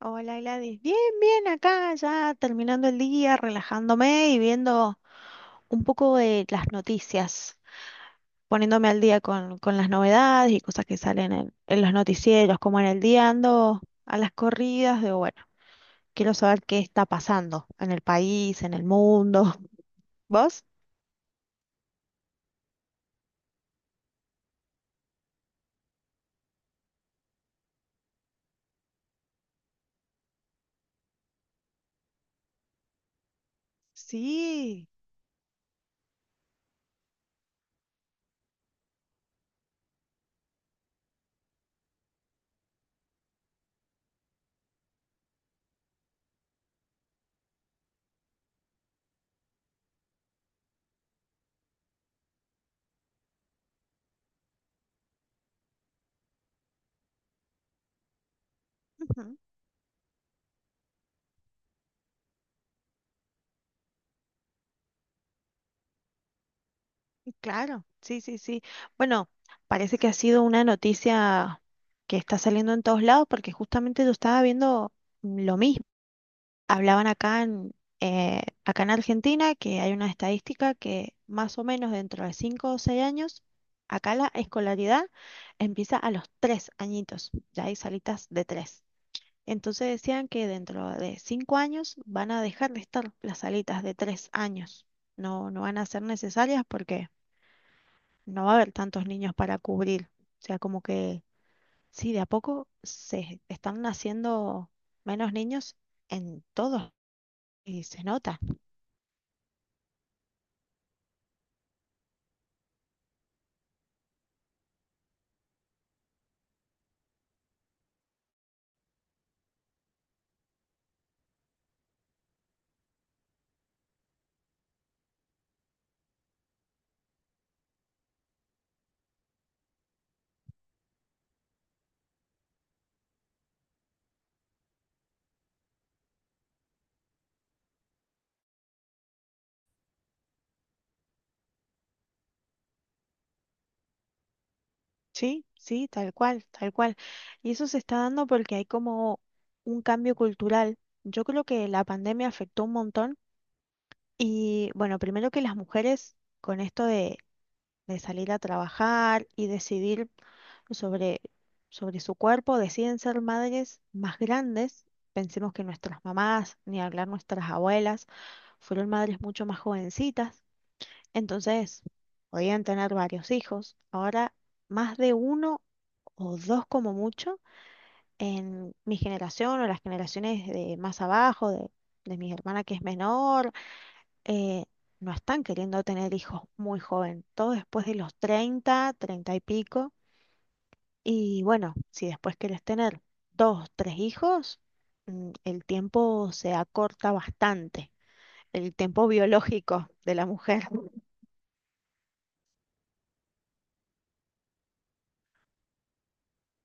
Hola Gladys, bien, bien, acá ya terminando el día, relajándome y viendo un poco de las noticias, poniéndome al día con las novedades y cosas que salen en los noticieros, como en el día ando a las corridas, digo, bueno, quiero saber qué está pasando en el país, en el mundo. ¿Vos? Sí, ujú, claro, sí, sí, sí. Bueno, parece que ha sido una noticia que está saliendo en todos lados porque justamente yo estaba viendo lo mismo. Hablaban acá en Argentina que hay una estadística que más o menos dentro de 5 o 6 años, acá la escolaridad empieza a los 3 añitos, ya hay salitas de tres. Entonces decían que dentro de 5 años van a dejar de estar las salitas de 3 años, no, no van a ser necesarias porque no va a haber tantos niños para cubrir. O sea, como que sí, de a poco se están naciendo menos niños en todos y se nota. Sí, sí, tal cual, tal cual. Y eso se está dando porque hay como un cambio cultural. Yo creo que la pandemia afectó un montón y bueno, primero que las mujeres con esto de salir a trabajar y decidir sobre, sobre su cuerpo, deciden ser madres más grandes. Pensemos que nuestras mamás, ni hablar nuestras abuelas, fueron madres mucho más jovencitas. Entonces, podían tener varios hijos. Ahora, más de uno o dos como mucho en mi generación o las generaciones de más abajo, de mi hermana que es menor, eh, no están queriendo tener hijos muy joven, todo después de los treinta y pico. Y bueno, si después quieres tener dos, tres hijos, el tiempo se acorta bastante, el tiempo biológico de la mujer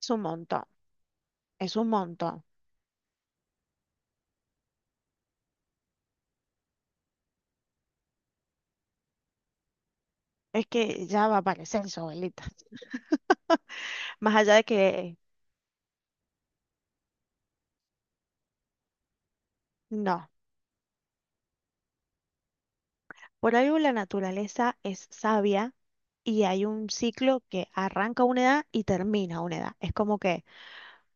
es un montón, es un montón. Es que ya va a aparecer su abuelita. Más allá de que no. Por algo la naturaleza es sabia y hay un ciclo que arranca a una edad y termina a una edad. Es como que,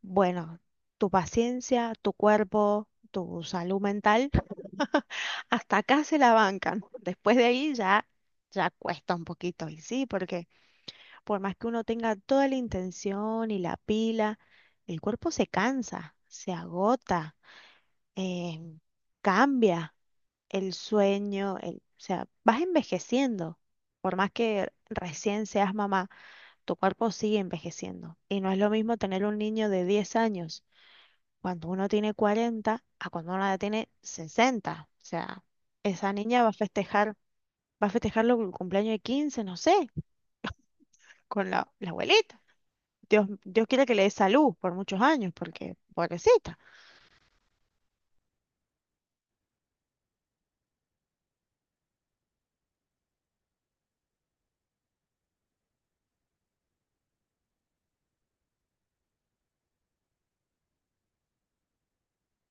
bueno, tu paciencia, tu cuerpo, tu salud mental, hasta acá se la bancan. Después de ahí ya cuesta un poquito. Y sí, porque por más que uno tenga toda la intención y la pila, el cuerpo se cansa, se agota, eh, cambia. El sueño, o sea, vas envejeciendo. Por más que recién seas mamá, tu cuerpo sigue envejeciendo. Y no es lo mismo tener un niño de 10 años cuando uno tiene 40 a cuando uno ya tiene 60. O sea, esa niña va a festejar el cumpleaños de 15, no sé, con la abuelita. Dios, Dios quiere que le dé salud por muchos años, porque pobrecita.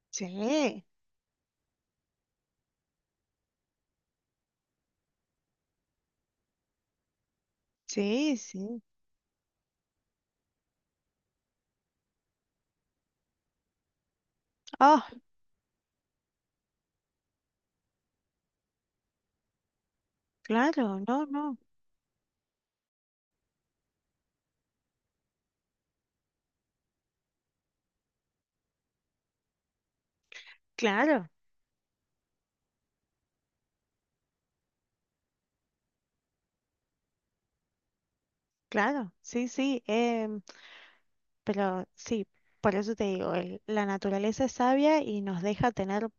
Sí, sí, sí. Oh, claro, no, no, claro. Claro, sí, sí, pero sí, por eso te digo, la naturaleza es sabia y nos deja tener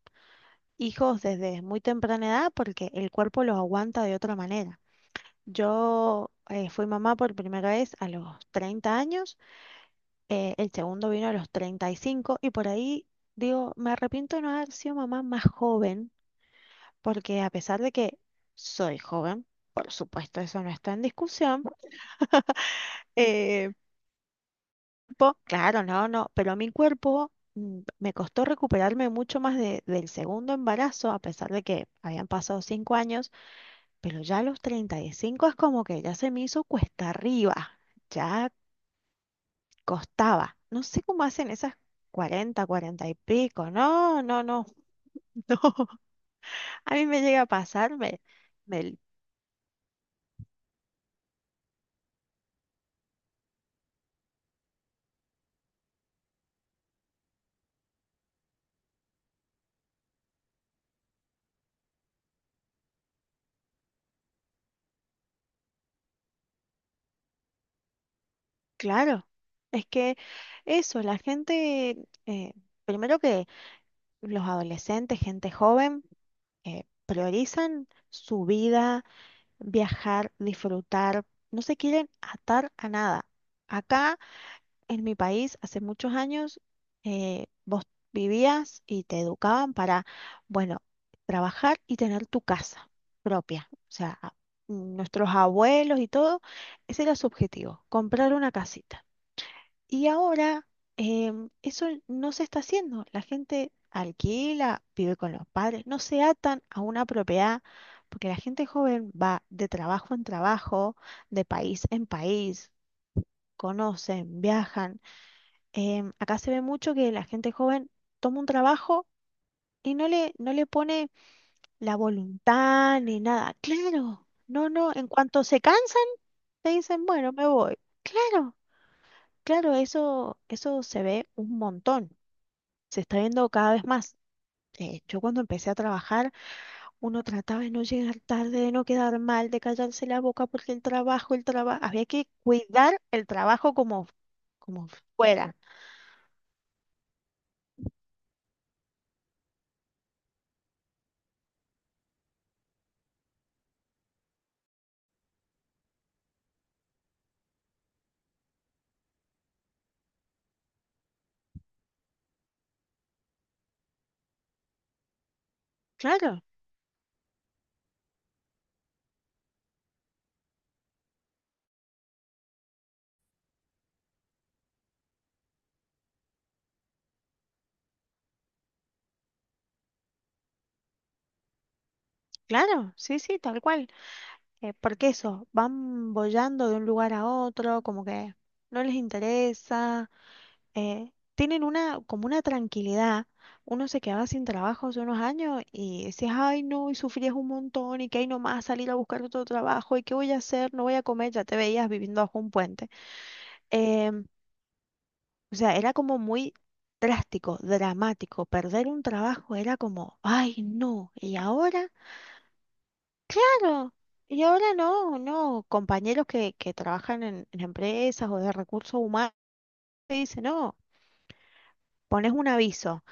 hijos desde muy temprana edad porque el cuerpo los aguanta de otra manera. Yo fui mamá por primera vez a los 30 años, el segundo vino a los 35 y por ahí digo, me arrepiento de no haber sido mamá más joven porque a pesar de que soy joven, por supuesto, eso no está en discusión. Claro, no, no, pero a mi cuerpo me costó recuperarme mucho más del segundo embarazo, a pesar de que habían pasado 5 años, pero ya a los 35 es como que ya se me hizo cuesta arriba, ya costaba. No sé cómo hacen esas 40, 40 y pico, no, no, no, no, a mí me llega a pasar, me- claro, es que eso, la gente, eh, primero que los adolescentes, gente joven, priorizan su vida, viajar, disfrutar, no se quieren atar a nada. Acá en mi país, hace muchos años, vos vivías y te educaban para, bueno, trabajar y tener tu casa propia. O sea, nuestros abuelos y todo, ese era su objetivo, comprar una casita. Y ahora eso no se está haciendo. La gente alquila, vive con los padres, no se atan a una propiedad, porque la gente joven va de trabajo en trabajo, de país en país, conocen, viajan. Acá se ve mucho que la gente joven toma un trabajo y no le pone la voluntad ni nada. Claro, no, no, en cuanto se cansan, te dicen, bueno, me voy. Claro, claro, eso se ve un montón. Se está viendo cada vez más. Yo cuando empecé a trabajar, uno trataba de no llegar tarde, de no quedar mal, de callarse la boca porque el trabajo, había que cuidar el trabajo como fuera. Claro, claro, sí, sí, tal cual. Porque eso, van bollando de un lugar a otro, como que no les interesa. Tienen una, como una tranquilidad. Uno se quedaba sin trabajo hace unos años y decías, ay no, y sufrías un montón y que hay nomás salir a buscar otro trabajo y qué voy a hacer, no voy a comer, ya te veías viviendo bajo un puente. Em, o sea, era como muy drástico, dramático. Perder un trabajo era como, ay no, y ahora, claro. Y ahora no, no, compañeros que trabajan en empresas o de recursos humanos te dicen, no, pones un aviso.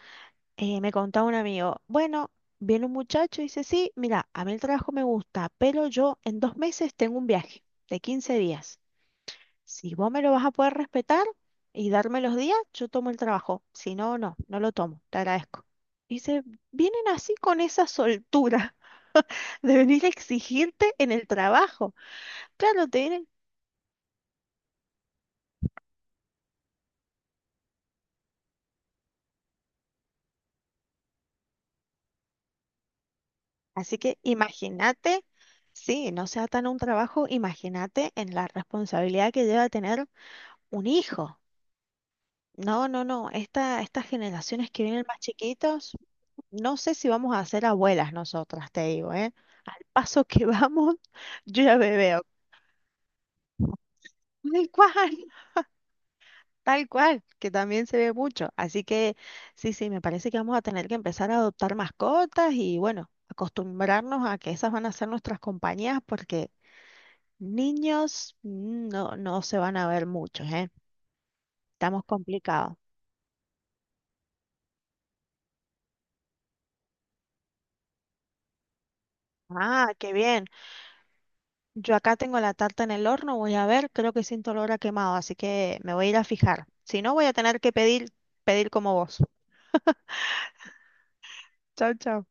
Me contaba un amigo, bueno, viene un muchacho y dice, sí, mira, a mí el trabajo me gusta, pero yo en 2 meses tengo un viaje de 15 días. Si vos me lo vas a poder respetar y darme los días, yo tomo el trabajo. Si no, no, no lo tomo, te agradezco. Dice, vienen así con esa soltura de venir a exigirte en el trabajo. Claro, te vienen. Así que imagínate, sí, no sea tan un trabajo, imagínate en la responsabilidad que lleva tener un hijo. No, no, no. Estas generaciones que vienen más chiquitos, no sé si vamos a ser abuelas nosotras, te digo, ¿eh? Al paso que vamos, yo ya me veo. Tal cual, tal cual, que también se ve mucho. Así que sí, sí, me parece que vamos a tener que empezar a adoptar mascotas y bueno, acostumbrarnos a que esas van a ser nuestras compañías porque niños no, no se van a ver muchos, ¿eh? Estamos complicados. Ah, qué bien. Yo acá tengo la tarta en el horno, voy a ver, creo que siento olor a quemado, así que me voy a ir a fijar. Si no, voy a tener que pedir como vos. Chao, chao.